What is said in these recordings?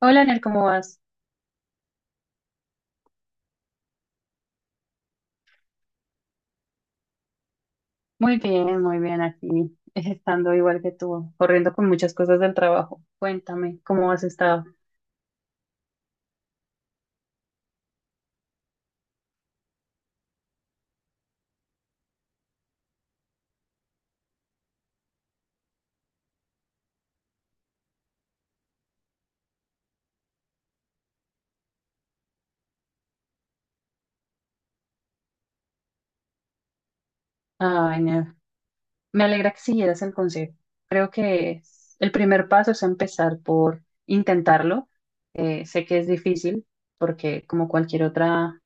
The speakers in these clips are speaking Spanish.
Hola, Ner, ¿cómo vas? Muy bien aquí, estando igual que tú, corriendo con muchas cosas del trabajo. Cuéntame, ¿cómo has estado? Ay, Ner, me alegra que siguieras el consejo. Creo que el primer paso es empezar por intentarlo. Sé que es difícil porque como cualquier otra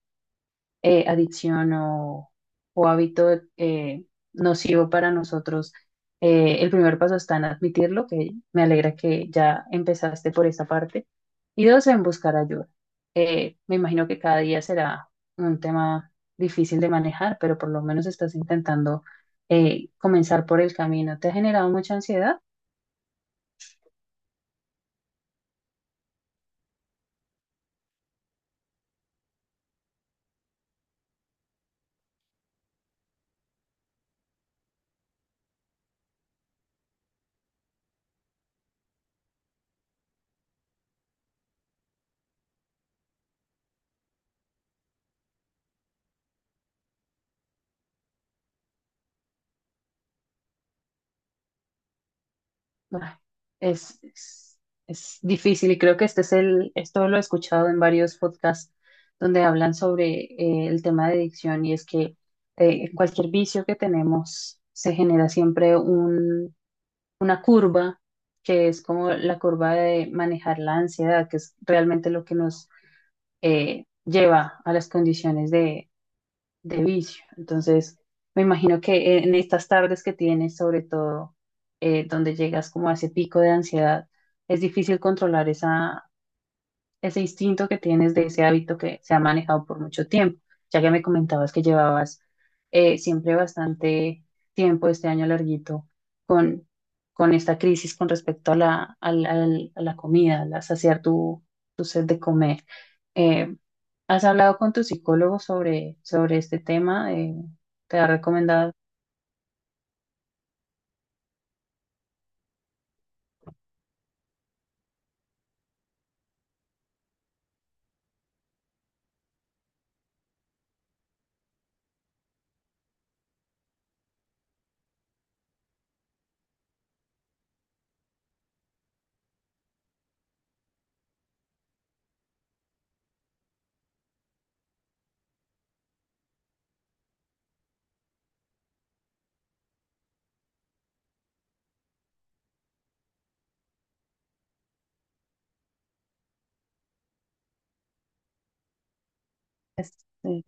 adicción o hábito nocivo para nosotros, el primer paso está en admitirlo, que me alegra que ya empezaste por esa parte, y dos, en buscar ayuda. Me imagino que cada día será un tema difícil de manejar, pero por lo menos estás intentando comenzar por el camino. ¿Te ha generado mucha ansiedad? Ay, Es, es, es difícil y creo que esto lo he escuchado en varios podcasts donde hablan sobre el tema de adicción y es que cualquier vicio que tenemos se genera una curva que es como la curva de manejar la ansiedad, que es realmente lo que nos lleva a las condiciones de vicio. Entonces, me imagino que en estas tardes que tienes, sobre todo, donde llegas como a ese pico de ansiedad, es difícil controlar ese instinto que tienes de ese hábito que se ha manejado por mucho tiempo, ya que me comentabas que llevabas siempre bastante tiempo, este año larguito, con, con esta crisis con respecto a a la comida, a saciar tu sed de comer. Eh, ¿Has hablado con tu psicólogo sobre este tema? ¿Te ha recomendado? este,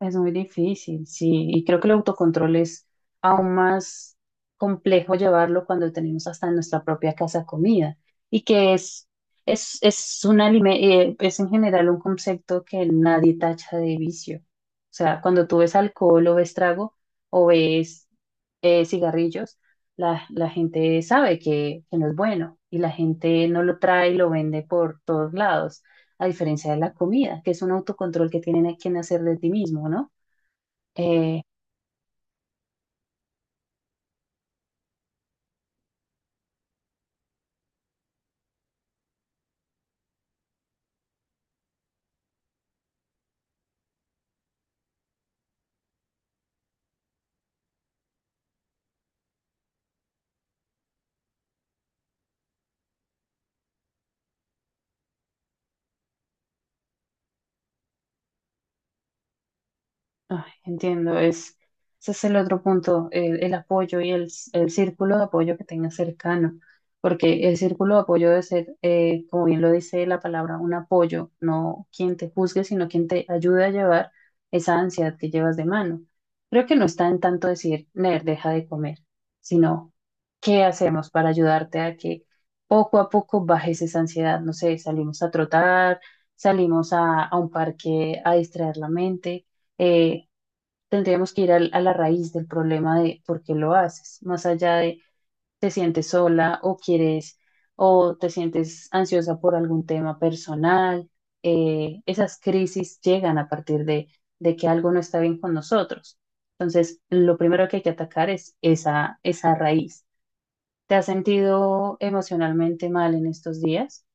Es muy difícil, sí, y creo que el autocontrol es aún más complejo llevarlo cuando tenemos hasta en nuestra propia casa comida y es, un es en general un concepto que nadie tacha de vicio. O sea, cuando tú ves alcohol o ves trago o ves cigarrillos, la gente sabe que no es bueno y la gente no lo trae y lo vende por todos lados a diferencia de la comida, que es un autocontrol que tienen que hacer de ti mismo, ¿no? Eh, Ah, entiendo, es, ese es el otro punto, el apoyo y el círculo de apoyo que tengas cercano, porque el círculo de apoyo debe ser, como bien lo dice la palabra, un apoyo, no quien te juzgue, sino quien te ayude a llevar esa ansiedad que llevas de mano. Creo que no está en tanto decir, Ner, deja de comer, sino qué hacemos para ayudarte a que poco a poco bajes esa ansiedad. No sé, salimos a trotar, salimos a un parque a distraer la mente. eh, Tendríamos que ir a la raíz del problema de por qué lo haces, más allá de te sientes sola o quieres o te sientes ansiosa por algún tema personal. Esas crisis llegan a partir de que algo no está bien con nosotros. Entonces, lo primero que hay que atacar es esa raíz. ¿Te has sentido emocionalmente mal en estos días?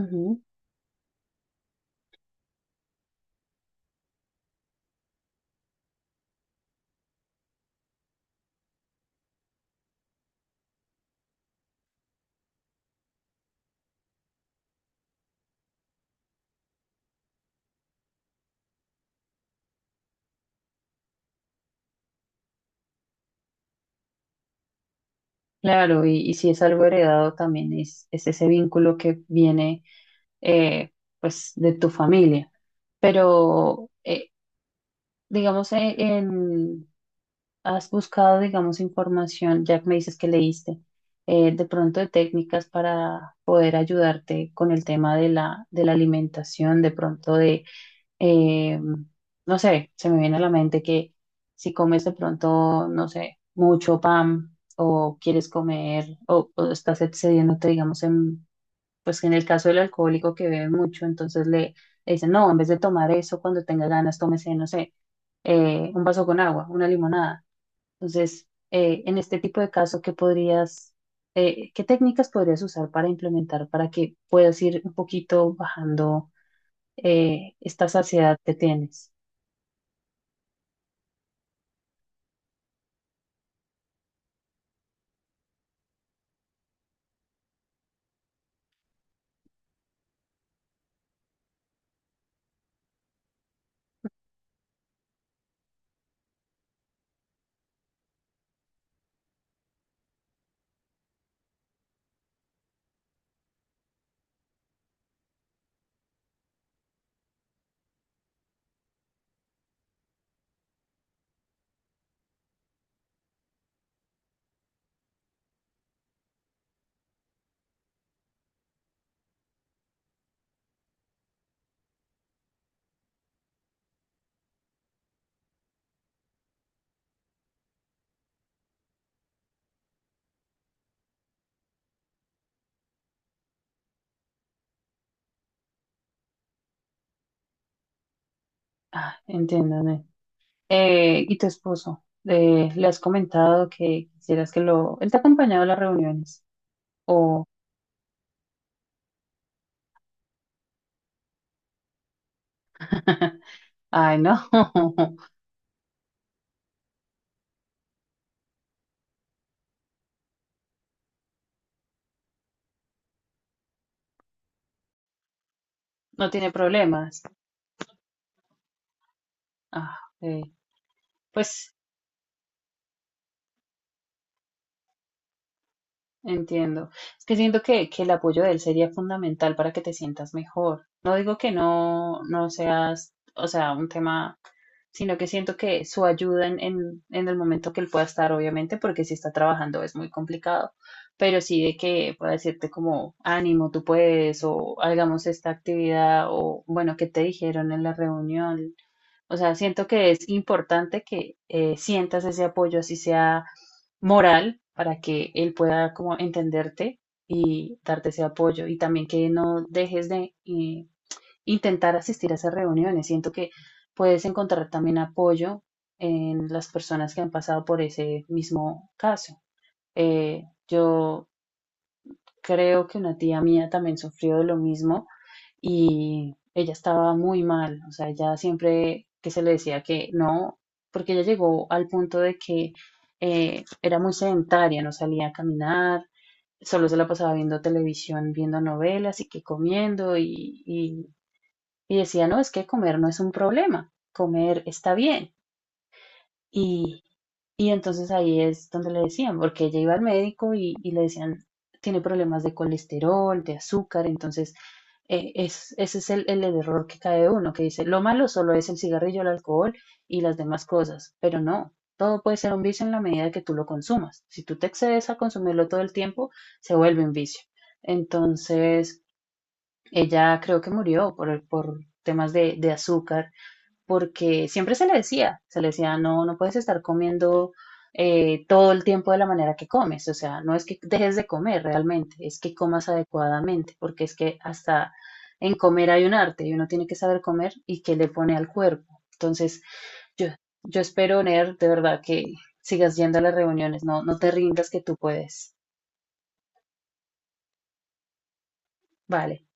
Ujú. Claro, y si es algo heredado, también es ese vínculo que viene eh, pues de tu familia. Pero, digamos, has buscado, digamos, información, ya que me dices que leíste, de pronto de técnicas para poder ayudarte con el tema de de la alimentación, de pronto de, eh, no sé, se me viene a la mente que si comes de pronto, no sé, mucho pan o quieres comer o estás excediéndote, digamos, en pues en el caso del alcohólico que bebe mucho, entonces le dicen, no, en vez de tomar eso, cuando tenga ganas, tómese, no sé, un vaso con agua, una limonada. Entonces, en este tipo de caso, ¿qué podrías, qué técnicas podrías usar para implementar para que puedas ir un poquito bajando esta saciedad que tienes? Ah, entiéndame. ¿Y tu esposo? ¿Le has comentado que quisieras que lo... Él te ha acompañado a las reuniones? O... Ay, no. No tiene problemas. Ah, ok. Pues entiendo. Es que siento que el apoyo de él sería fundamental para que te sientas mejor. No digo que no, no seas, o sea, un tema, sino que siento que su ayuda en el momento que él pueda estar, obviamente, porque si está trabajando es muy complicado, pero sí de que pueda decirte como, ánimo, tú puedes, o hagamos esta actividad, o bueno, ¿qué te dijeron en la reunión? O sea, siento que es importante que sientas ese apoyo, así sea moral, para que él pueda como entenderte y darte ese apoyo. Y también que no dejes de intentar asistir a esas reuniones. Siento que puedes encontrar también apoyo en las personas que han pasado por ese mismo caso. Yo creo que una tía mía también sufrió de lo mismo y ella estaba muy mal, o sea, ella siempre que se le decía que no, porque ella llegó al punto de que era muy sedentaria, no salía a caminar, solo se la pasaba viendo televisión, viendo novelas y que comiendo y decía, no, es que comer no es un problema, comer está bien. Y, y entonces ahí es donde le decían, porque ella iba al médico y le decían, tiene problemas de colesterol, de azúcar, entonces es, ese es el error que cae uno, que dice, lo malo solo es el cigarrillo, el alcohol y las demás cosas, pero no, todo puede ser un vicio en la medida que tú lo consumas. Si tú te excedes a consumirlo todo el tiempo, se vuelve un vicio. Entonces, ella creo que murió por temas de azúcar porque siempre se le decía, no, no puedes estar comiendo todo el tiempo de la manera que comes, o sea, no es que dejes de comer realmente, es que comas adecuadamente, porque es que hasta en comer hay un arte y uno tiene que saber comer y qué le pone al cuerpo. Entonces, yo, yo espero, Ner, de verdad que sigas yendo a las reuniones, no, no te rindas que tú puedes. Vale.